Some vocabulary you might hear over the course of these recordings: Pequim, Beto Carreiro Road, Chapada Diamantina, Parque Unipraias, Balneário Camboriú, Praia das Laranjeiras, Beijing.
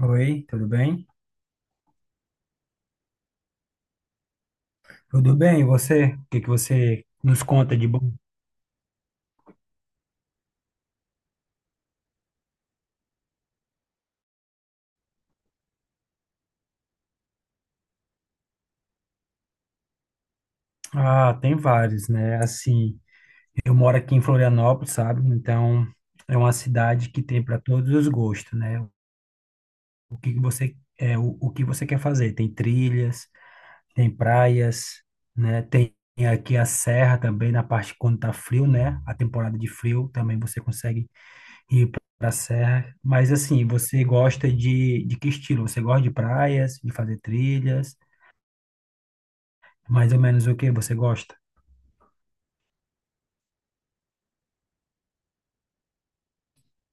Oi, tudo bem? Tudo bem, e você? O que que você nos conta de bom? Ah, tem vários, né? Assim, eu moro aqui em Florianópolis, sabe? Então, é uma cidade que tem para todos os gostos, né? O que que você o que você quer fazer? Tem trilhas, tem praias, né? Tem aqui a serra também na parte quando tá frio, né? A temporada de frio também você consegue ir para a serra. Mas assim, você gosta de que estilo? Você gosta de praias, de fazer trilhas? Mais ou menos o que você gosta?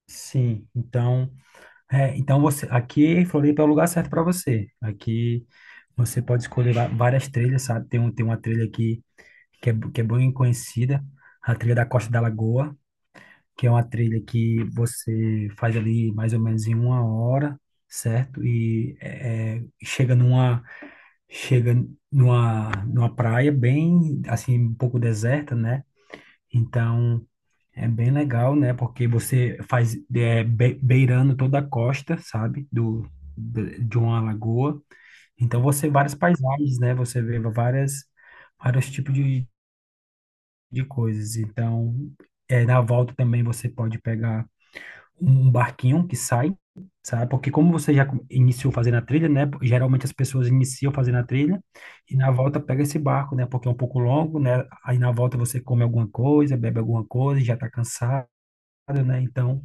Sim, então, então você aqui em Floripa é o lugar certo para você. Aqui você pode escolher várias trilhas, sabe? Tem uma trilha aqui que é bem conhecida, a trilha da Costa da Lagoa, que é uma trilha que você faz ali mais ou menos em uma hora, certo? Chega chega numa, numa praia bem assim um pouco deserta, né? Então é bem legal, né? Porque você faz beirando toda a costa, sabe? Do, de uma lagoa. Então você várias paisagens, né? Você vê várias vários tipos de coisas. Então, na volta também você pode pegar um barquinho que sai, sabe? Porque como você iniciou fazendo a trilha, né? Geralmente as pessoas iniciam fazendo a trilha e na volta pega esse barco, né? Porque é um pouco longo, né? Aí na volta você come alguma coisa, bebe alguma coisa, já tá cansado, né? Então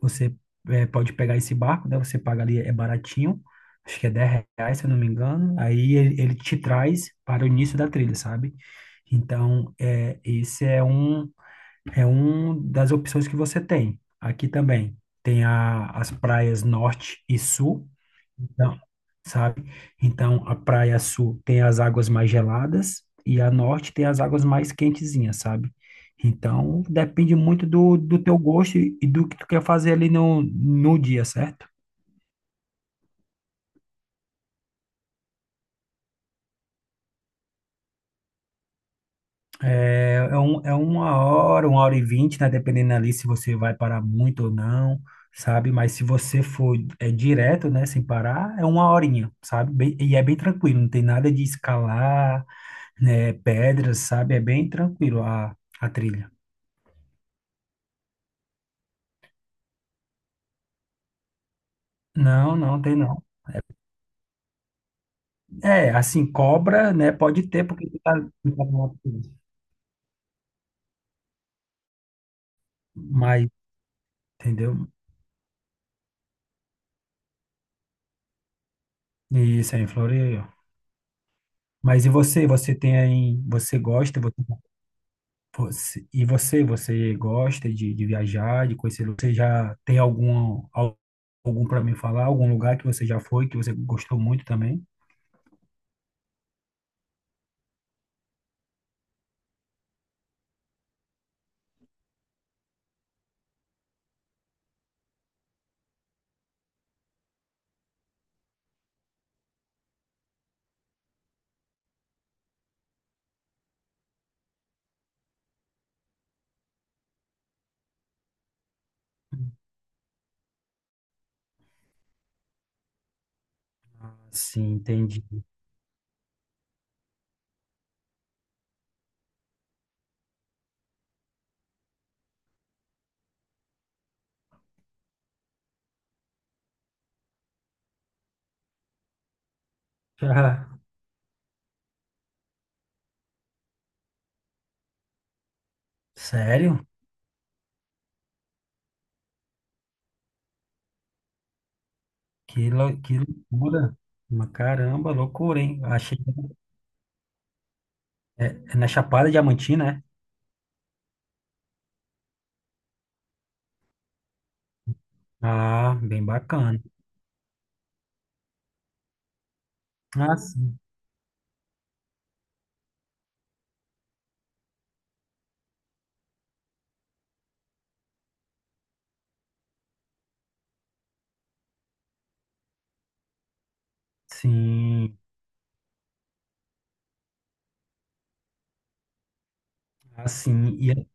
você pode pegar esse barco, né? Você paga ali, é baratinho, acho que é R$ 10, se eu não me engano. Aí ele te traz para o início da trilha, sabe? Então, é um das opções que você tem. Aqui também tem as praias norte e sul, então, sabe? Então, a praia sul tem as águas mais geladas e a norte tem as águas mais quentezinhas, sabe? Então, depende muito do teu gosto e do que tu quer fazer ali no dia, certo? É uma hora e vinte, né? Dependendo ali se você vai parar muito ou não, sabe? Mas se você for direto, né? Sem parar, é uma horinha, sabe? É bem tranquilo, não tem nada de escalar, né? Pedras, sabe? É bem tranquilo a trilha. Não, não tem não. É, assim, cobra, né? Pode ter, porque tu tá numa prisão. Mas, entendeu? Isso aí, em Floreio. Mas e você? Você tem aí, você gosta, você, você- e você, você gosta de viajar, de conhecer? Você já tem algum para me falar? Algum lugar que você já foi, que você gostou muito também? Sim, entendi. Ah, sério? Que loucura. Mas caramba, loucura, hein? Achei, é, é na Chapada Diamantina, é? Ah, bem bacana. Ah, sim. Sim. Assim, e é,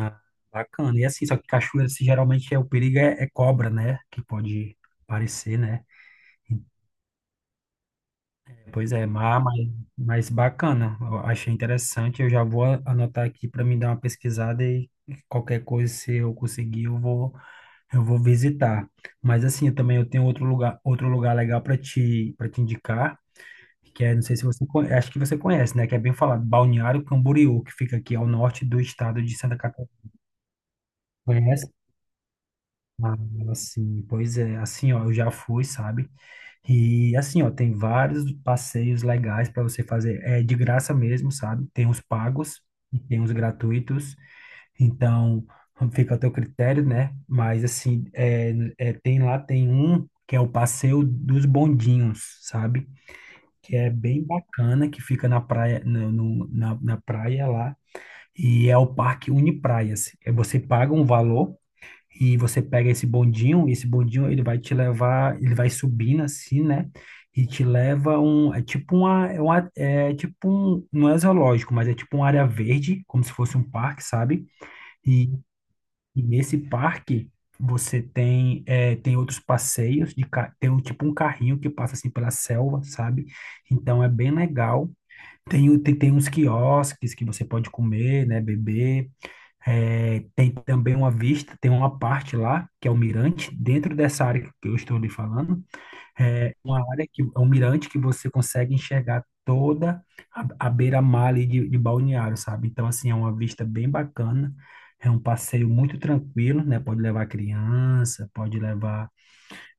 ah, bacana. E assim, só que cachoeira, assim, geralmente o perigo é é cobra, né? Que pode aparecer, né? Então, pois é, mas bacana. Eu achei interessante. Eu já vou anotar aqui para me dar uma pesquisada e qualquer coisa, se eu conseguir, eu vou visitar. Mas assim, eu também eu tenho outro lugar legal para te indicar. Que é, não sei se você conhece, acho que você conhece, né? Que é bem falado, Balneário Camboriú, que fica aqui ao norte do estado de Santa Catarina. Conhece? Ah, assim, pois é, assim, ó, eu já fui, sabe? E assim, ó, tem vários passeios legais para você fazer, é de graça mesmo, sabe? Tem os pagos e tem os gratuitos, então fica a teu critério, né? Mas assim, tem lá, tem um que é o passeio dos bondinhos, sabe? Que é bem bacana, que fica na praia, na praia lá, e é o Parque Unipraias. É, você paga um valor e você pega esse bondinho, e esse bondinho ele vai te levar, ele vai subindo assim, né? E te leva é tipo um, não é zoológico, mas é tipo uma área verde, como se fosse um parque, sabe? E, e nesse parque você tem, tem outros passeios de, tem um, tipo um carrinho que passa assim pela selva, sabe? Então é bem legal. Tem uns quiosques que você pode comer, né, beber. É, tem também uma vista, tem uma parte lá, que é o mirante, dentro dessa área que eu estou lhe falando. A área que, é um mirante que você consegue enxergar toda a beira-mar ali de Balneário, sabe? Então, assim, é uma vista bem bacana. É um passeio muito tranquilo, né? Pode levar criança, pode levar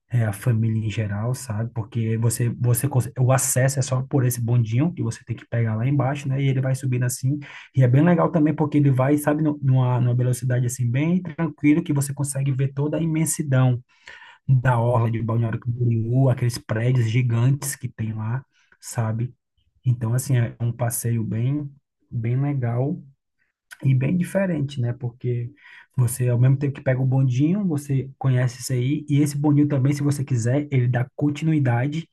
a família em geral, sabe? Porque o acesso é só por esse bondinho que você tem que pegar lá embaixo, né? E ele vai subindo assim. E é bem legal também porque ele vai, sabe, numa velocidade assim bem tranquilo que você consegue ver toda a imensidão da orla de Balneário Camboriú, aqueles prédios gigantes que tem lá, sabe? Então, assim, é um passeio bem, bem legal e bem diferente, né? Porque você, ao mesmo tempo que pega o bondinho, você conhece isso aí, e esse bondinho também, se você quiser, ele dá continuidade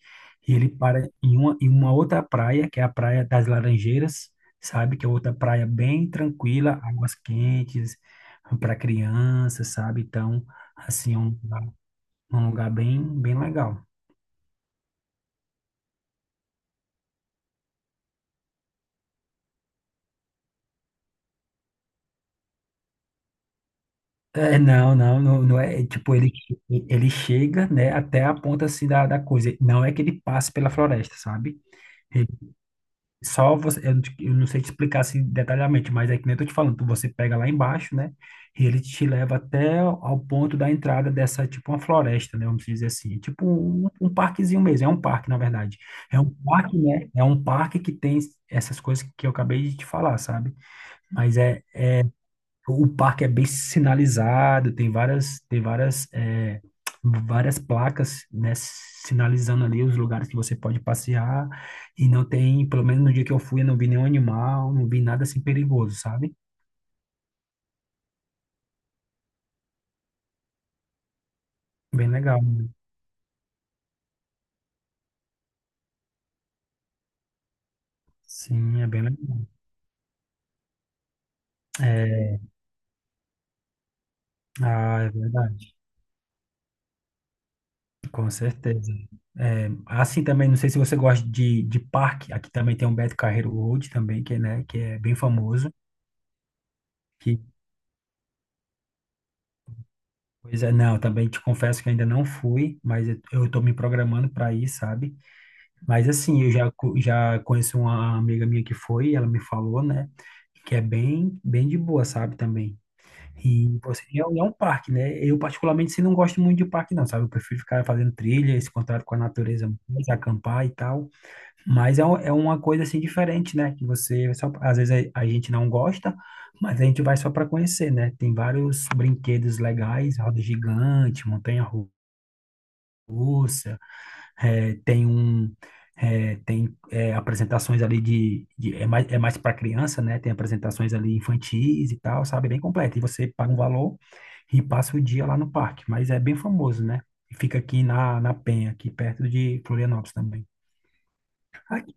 e ele para em uma outra praia, que é a Praia das Laranjeiras, sabe? Que é outra praia bem tranquila, águas quentes, para criança, sabe? Então, assim, um lugar bem, bem legal. É, não, não, não, não é, ele chega, né, até a ponta, assim, da coisa, não é que ele passe pela floresta, sabe? Só você, eu, não te- eu não sei te explicar assim detalhadamente, mas é que nem eu tô te falando, você pega lá embaixo, né? E ele te leva até ao ponto da entrada dessa, tipo uma floresta, né? Vamos dizer assim, um parquezinho mesmo, é um parque, na verdade. É um parque, né? É um parque que tem essas coisas que eu acabei de te falar, sabe? Mas é, o parque é bem sinalizado, tem várias, várias placas, né, sinalizando ali os lugares que você pode passear. E não tem, pelo menos no dia que eu fui, eu não vi nenhum animal, não vi nada assim perigoso, sabe? Bem legal. Sim, é bem legal. É, ah, é verdade. Com certeza. É, assim também, não sei se você gosta de parque, aqui também tem o Beto Carreiro Road também, que, é, né, que é bem famoso. Pois é, não, também te confesso que ainda não fui, mas eu tô me programando para ir, sabe? Mas assim, já conheço uma amiga minha que foi, e ela me falou, né? Que é bem, bem de boa, sabe, também. E você, é um parque, né? Eu particularmente assim, não gosto muito de parque, não, sabe? Eu prefiro ficar fazendo trilha, esse contato com a natureza, mais, acampar e tal. É uma coisa assim diferente, né? Que você só, às vezes a gente não gosta, mas a gente vai só para conhecer, né? Tem vários brinquedos legais, roda gigante, montanha russa, é, tem um é, tem é, apresentações ali é mais para criança, né? Tem apresentações ali infantis e tal, sabe? Bem completo. E você paga um valor e passa o dia lá no parque, mas é bem famoso, né? E fica aqui na Penha, aqui perto de Florianópolis também. Aqui,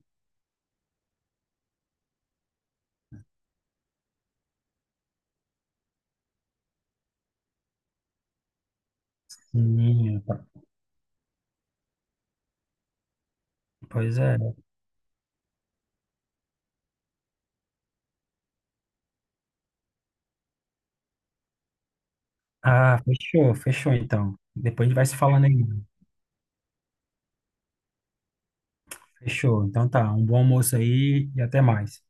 sim, pois é. Ah, fechou, fechou então. Depois a gente vai se falando aí, né? Fechou. Então tá, um bom almoço aí e até mais.